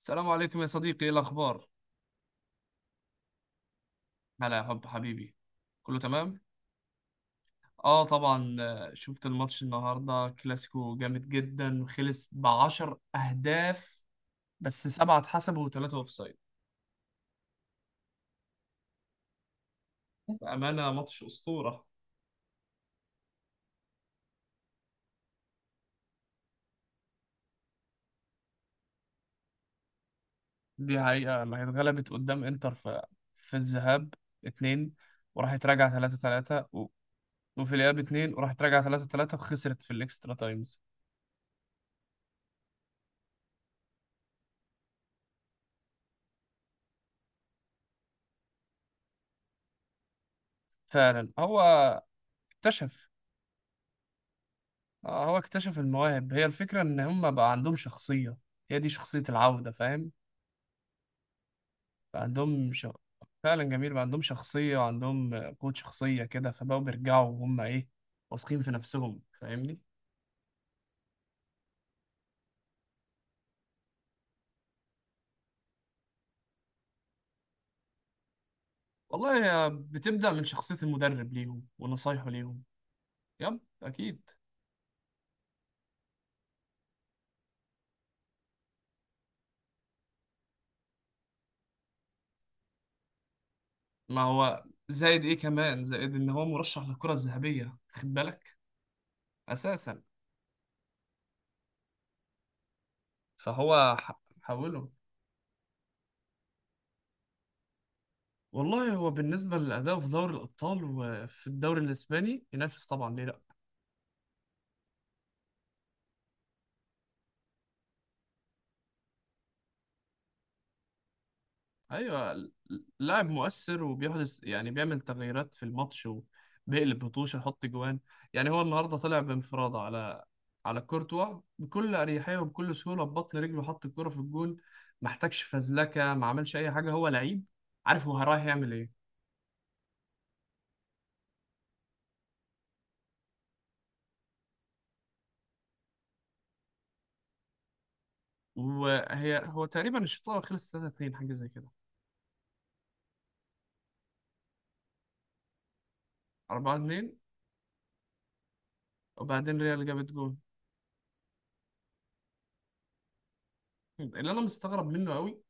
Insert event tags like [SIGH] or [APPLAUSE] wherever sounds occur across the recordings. السلام عليكم يا صديقي، ايه الاخبار؟ هلا يا حب حبيبي. كله تمام. اه طبعا، شفت الماتش النهارده. كلاسيكو جامد جدا، وخلص ب10 اهداف. بس 7 اتحسبوا وثلاثه اوفسايد. بامانه ماتش اسطوره. دي حقيقه، ما هي اتغلبت قدام انتر في الذهاب 2. وراحت راجعه 3-3، وفي الاياب 2، وراحت راجعه ثلاثة ثلاثة، وخسرت في الاكسترا تايمز. فعلا، اكتشف هو اكتشف المواهب. هي الفكرة إن هم بقى عندهم شخصية. هي دي شخصية العودة، فاهم. بقى عندهم ش... فعلا جميل، بقى عندهم شخصية وعندهم قوة شخصية كده، فبقوا بيرجعوا وهم إيه، واثقين في نفسهم، فاهمني. والله هي بتبدأ من شخصية المدرب ليهم ونصايحه ليهم. يب أكيد. ما هو زائد إيه كمان، زائد إن هو مرشح للكرة الذهبية، خد بالك. أساسا. فهو حوله. والله هو بالنسبة لأدائه في دوري الأبطال وفي الدوري الإسباني ينافس، طبعا ليه لأ. أيوة. لاعب مؤثر وبيحدث، يعني بيعمل تغييرات في الماتش، وبيقلب بطوشة يحط جوان. يعني هو النهاردة طلع بانفرادة على كورتوا بكل أريحية وبكل سهولة، ببطن رجله حط الكرة في الجون. ما احتاجش فزلكة، ما عملش أي حاجة، هو لعيب. عارف هو رايح يعمل إيه. هو تقريبا الشوط الأول خلص 3-2، حاجة زي كده. 4-2. وبعدين ريال جابت جون. اللي أنا مستغرب منه قوي،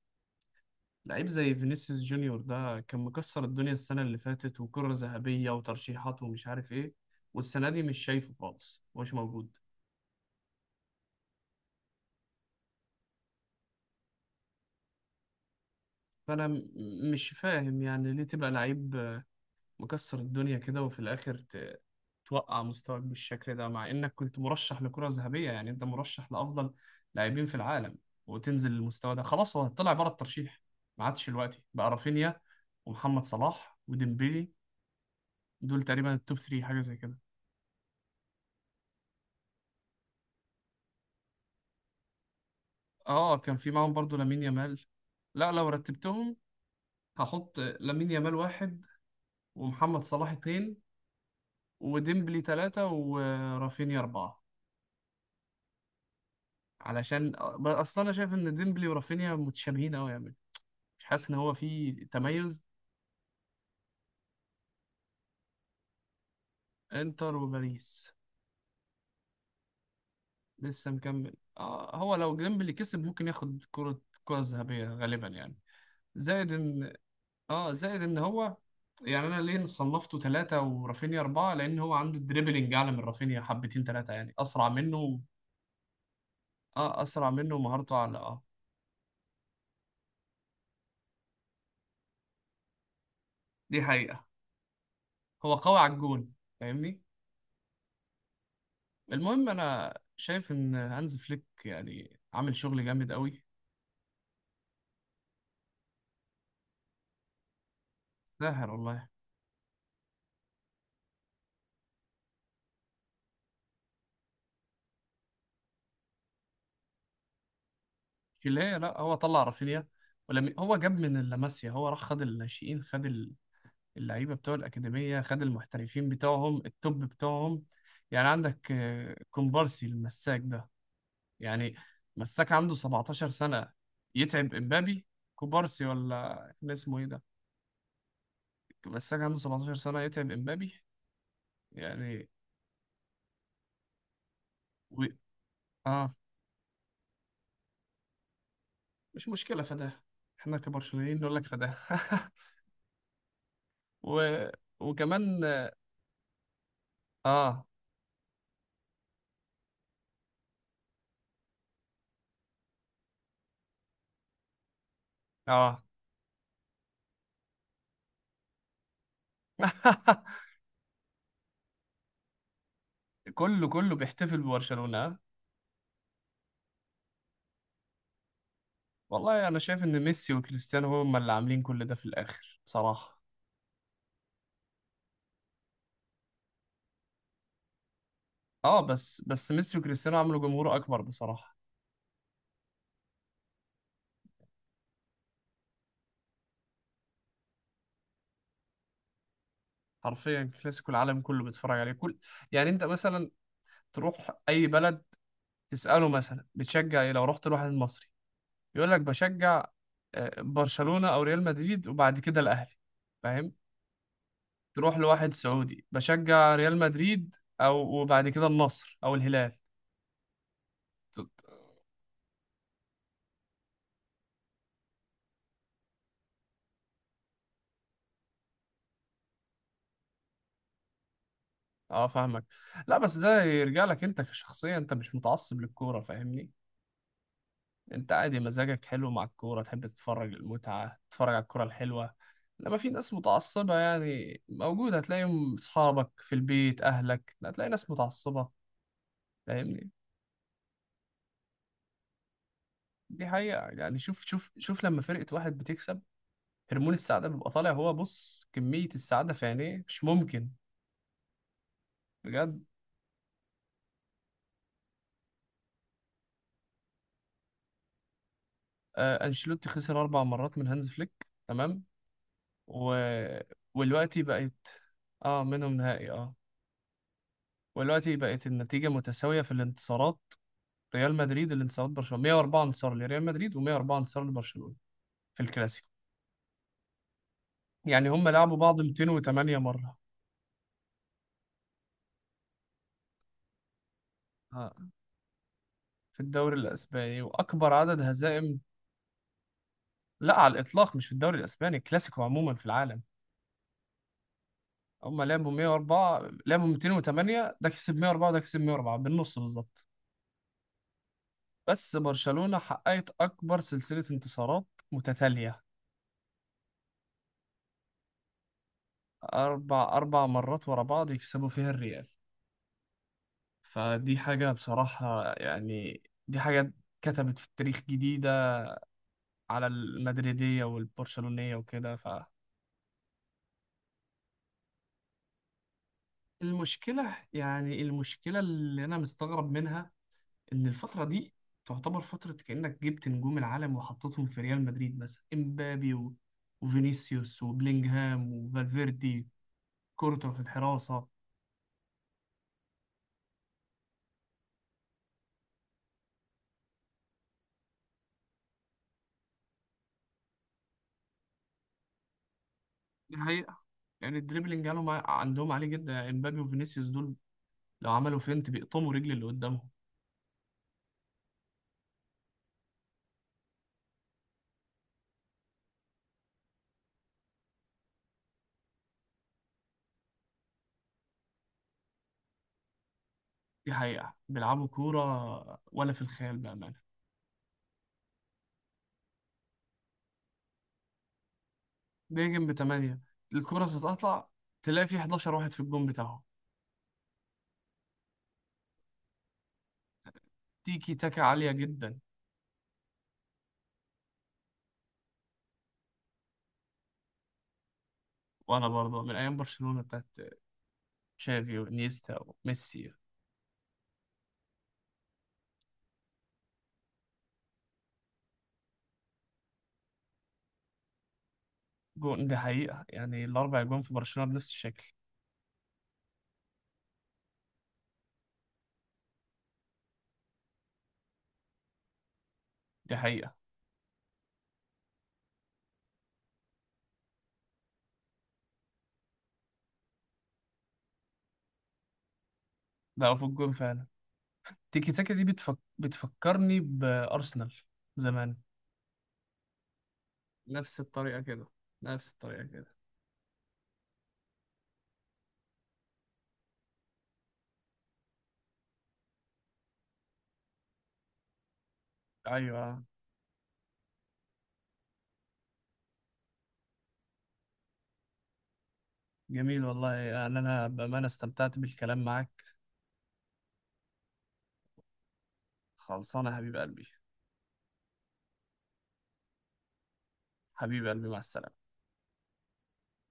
لعيب زي فينيسيوس جونيور ده كان مكسر الدنيا السنة اللي فاتت، وكرة ذهبية وترشيحات ومش عارف ايه، والسنة دي مش شايفه خالص، مش موجود. فأنا مش فاهم، يعني ليه تبقى لعيب، مكسر الدنيا كده، وفي الآخر توقع مستواك بالشكل ده، مع إنك كنت مرشح لكرة ذهبية، يعني أنت مرشح لأفضل لاعبين في العالم، وتنزل للمستوى ده. خلاص، هو طلع بره الترشيح، ما عادش دلوقتي. بقى رافينيا ومحمد صلاح وديمبيلي، دول تقريبا التوب 3، حاجة زي كده. اه، كان في معاهم برضو لامين يامال. لا، لو رتبتهم، هحط لامين يامال واحد، ومحمد صلاح اتنين، وديمبلي تلاتة، ورافينيا أربعة. علشان أصلا أنا شايف إن ديمبلي ورافينيا متشابهين أوي يعني، مش حاسس إن هو في تميز. إنتر وباريس. لسه مكمل، هو لو ديمبلي كسب ممكن ياخد كرة ذهبية غالبا يعني. زائد إن اه زائد ان هو، يعني انا ليه صنفته ثلاثة ورافينيا أربعة، لأن هو عنده دريبلينج أعلى من رافينيا حبتين ثلاثة، يعني أسرع منه. اه، أسرع منه ومهارته أعلى، اه. دي حقيقة. هو قوي على الجون، فاهمني. المهم أنا شايف إن هانز فليك يعني عامل شغل جامد قوي. ساهر والله. في اللي هي، لا، هو طلع رافينيا، ولم هو جاب من اللاماسيا، هو راح خد الناشئين، خد اللعيبه بتوع الاكاديميه، خد المحترفين بتوعهم، التوب بتوعهم. يعني عندك كومبارسي المساك ده، يعني مساك عنده 17 سنه، يتعب امبابي. كوبارسي ولا كان اسمه ايه ده. مساك عنده 17 سنه يتعب امبابي يعني. و... اه، مش مشكله فداه، احنا كبرشلونيين نقول لك فداه. [LAUGHS] و... وكمان اه. اه. [LAUGHS] كله كله بيحتفل ببرشلونه. والله انا شايف ان ميسي وكريستيانو هم اللي عاملين كل ده في الاخر بصراحه. اه، بس ميسي وكريستيانو عملوا جمهور اكبر بصراحه. حرفيا كلاسيكو العالم كله بيتفرج عليه. كل، يعني انت مثلا، تروح اي بلد، تساله مثلا بتشجع ايه، لو رحت لواحد مصري يقول لك بشجع برشلونه او ريال مدريد، وبعد كده الاهلي، فاهم. تروح لواحد سعودي بشجع ريال مدريد، او وبعد كده النصر او الهلال. اه، فاهمك. لا بس ده يرجع لك انت كشخصية، انت مش متعصب للكورة، فاهمني. انت عادي، مزاجك حلو مع الكورة، تحب تتفرج المتعة، تتفرج على الكورة الحلوة. لما في ناس متعصبة يعني موجودة، هتلاقيهم اصحابك في البيت اهلك، لا هتلاقي ناس متعصبة. فاهمني. دي حقيقة يعني، شوف شوف شوف لما فرقة واحد بتكسب، هرمون السعادة بيبقى طالع، هو بص كمية السعادة في عينيه، مش ممكن. بجد. آه، انشيلوتي خسر 4 مرات من هانز فليك، تمام. و... والوقتي بقت. اه، منهم نهائي، اه. والوقتي بقت النتيجة متساوية في الانتصارات. ريال مدريد الانتصارات برشلونة، 104 انتصار لريال مدريد و104 انتصار لبرشلونة، في الكلاسيكو. يعني هم لعبوا بعض 208 مرة. آه. في الدوري الأسباني، وأكبر عدد هزائم. لا، على الإطلاق، مش في الدوري الأسباني، الكلاسيكو عموما في العالم. هم لعبوا 104، لعبوا 208، ده كسب 104، ده كسب 104 بالنص بالظبط. بس برشلونة حققت أكبر سلسلة انتصارات متتالية، أربع مرات ورا بعض يكسبوا فيها الريال، فدي حاجة بصراحة يعني. دي حاجة كتبت في التاريخ جديدة على المدريدية والبرشلونية وكده. فالمشكلة، يعني المشكلة اللي أنا مستغرب منها إن الفترة دي تعتبر فترة كأنك جبت نجوم العالم وحطيتهم في ريال مدريد، مثلا إمبابي وفينيسيوس وبلينغهام وفالفيردي، كورتوا في الحراسة. دي حقيقة، يعني الدريبلينج قالوا، عندهم عالي جدا، يعني امبابي وفينيسيوس دول لو عملوا فينت بيقطموا رجل اللي قدامهم. دي حقيقة بيلعبوا كورة ولا في الخيال، بأمانة. ده جنب 8، الكرة تتقطع، تلاقي في 11 واحد في الجون بتاعهم. تيكي تاكا عالية جدا. وأنا برضه من أيام برشلونة بتاعت تشافي وإنيستا وميسي. جون، دي حقيقة، يعني الأربع جون في برشلونة بنفس الشكل. دي حقيقة. ده في الجون فعلا. تيكي تاكا دي بتفكرني بأرسنال زمان. نفس الطريقة كده. نفس الطريقة كده. أيوة. جميل والله، يعني أنا بأمانة استمتعت بالكلام معك. خلصانة يا حبيب قلبي. حبيب قلبي، مع السلامة.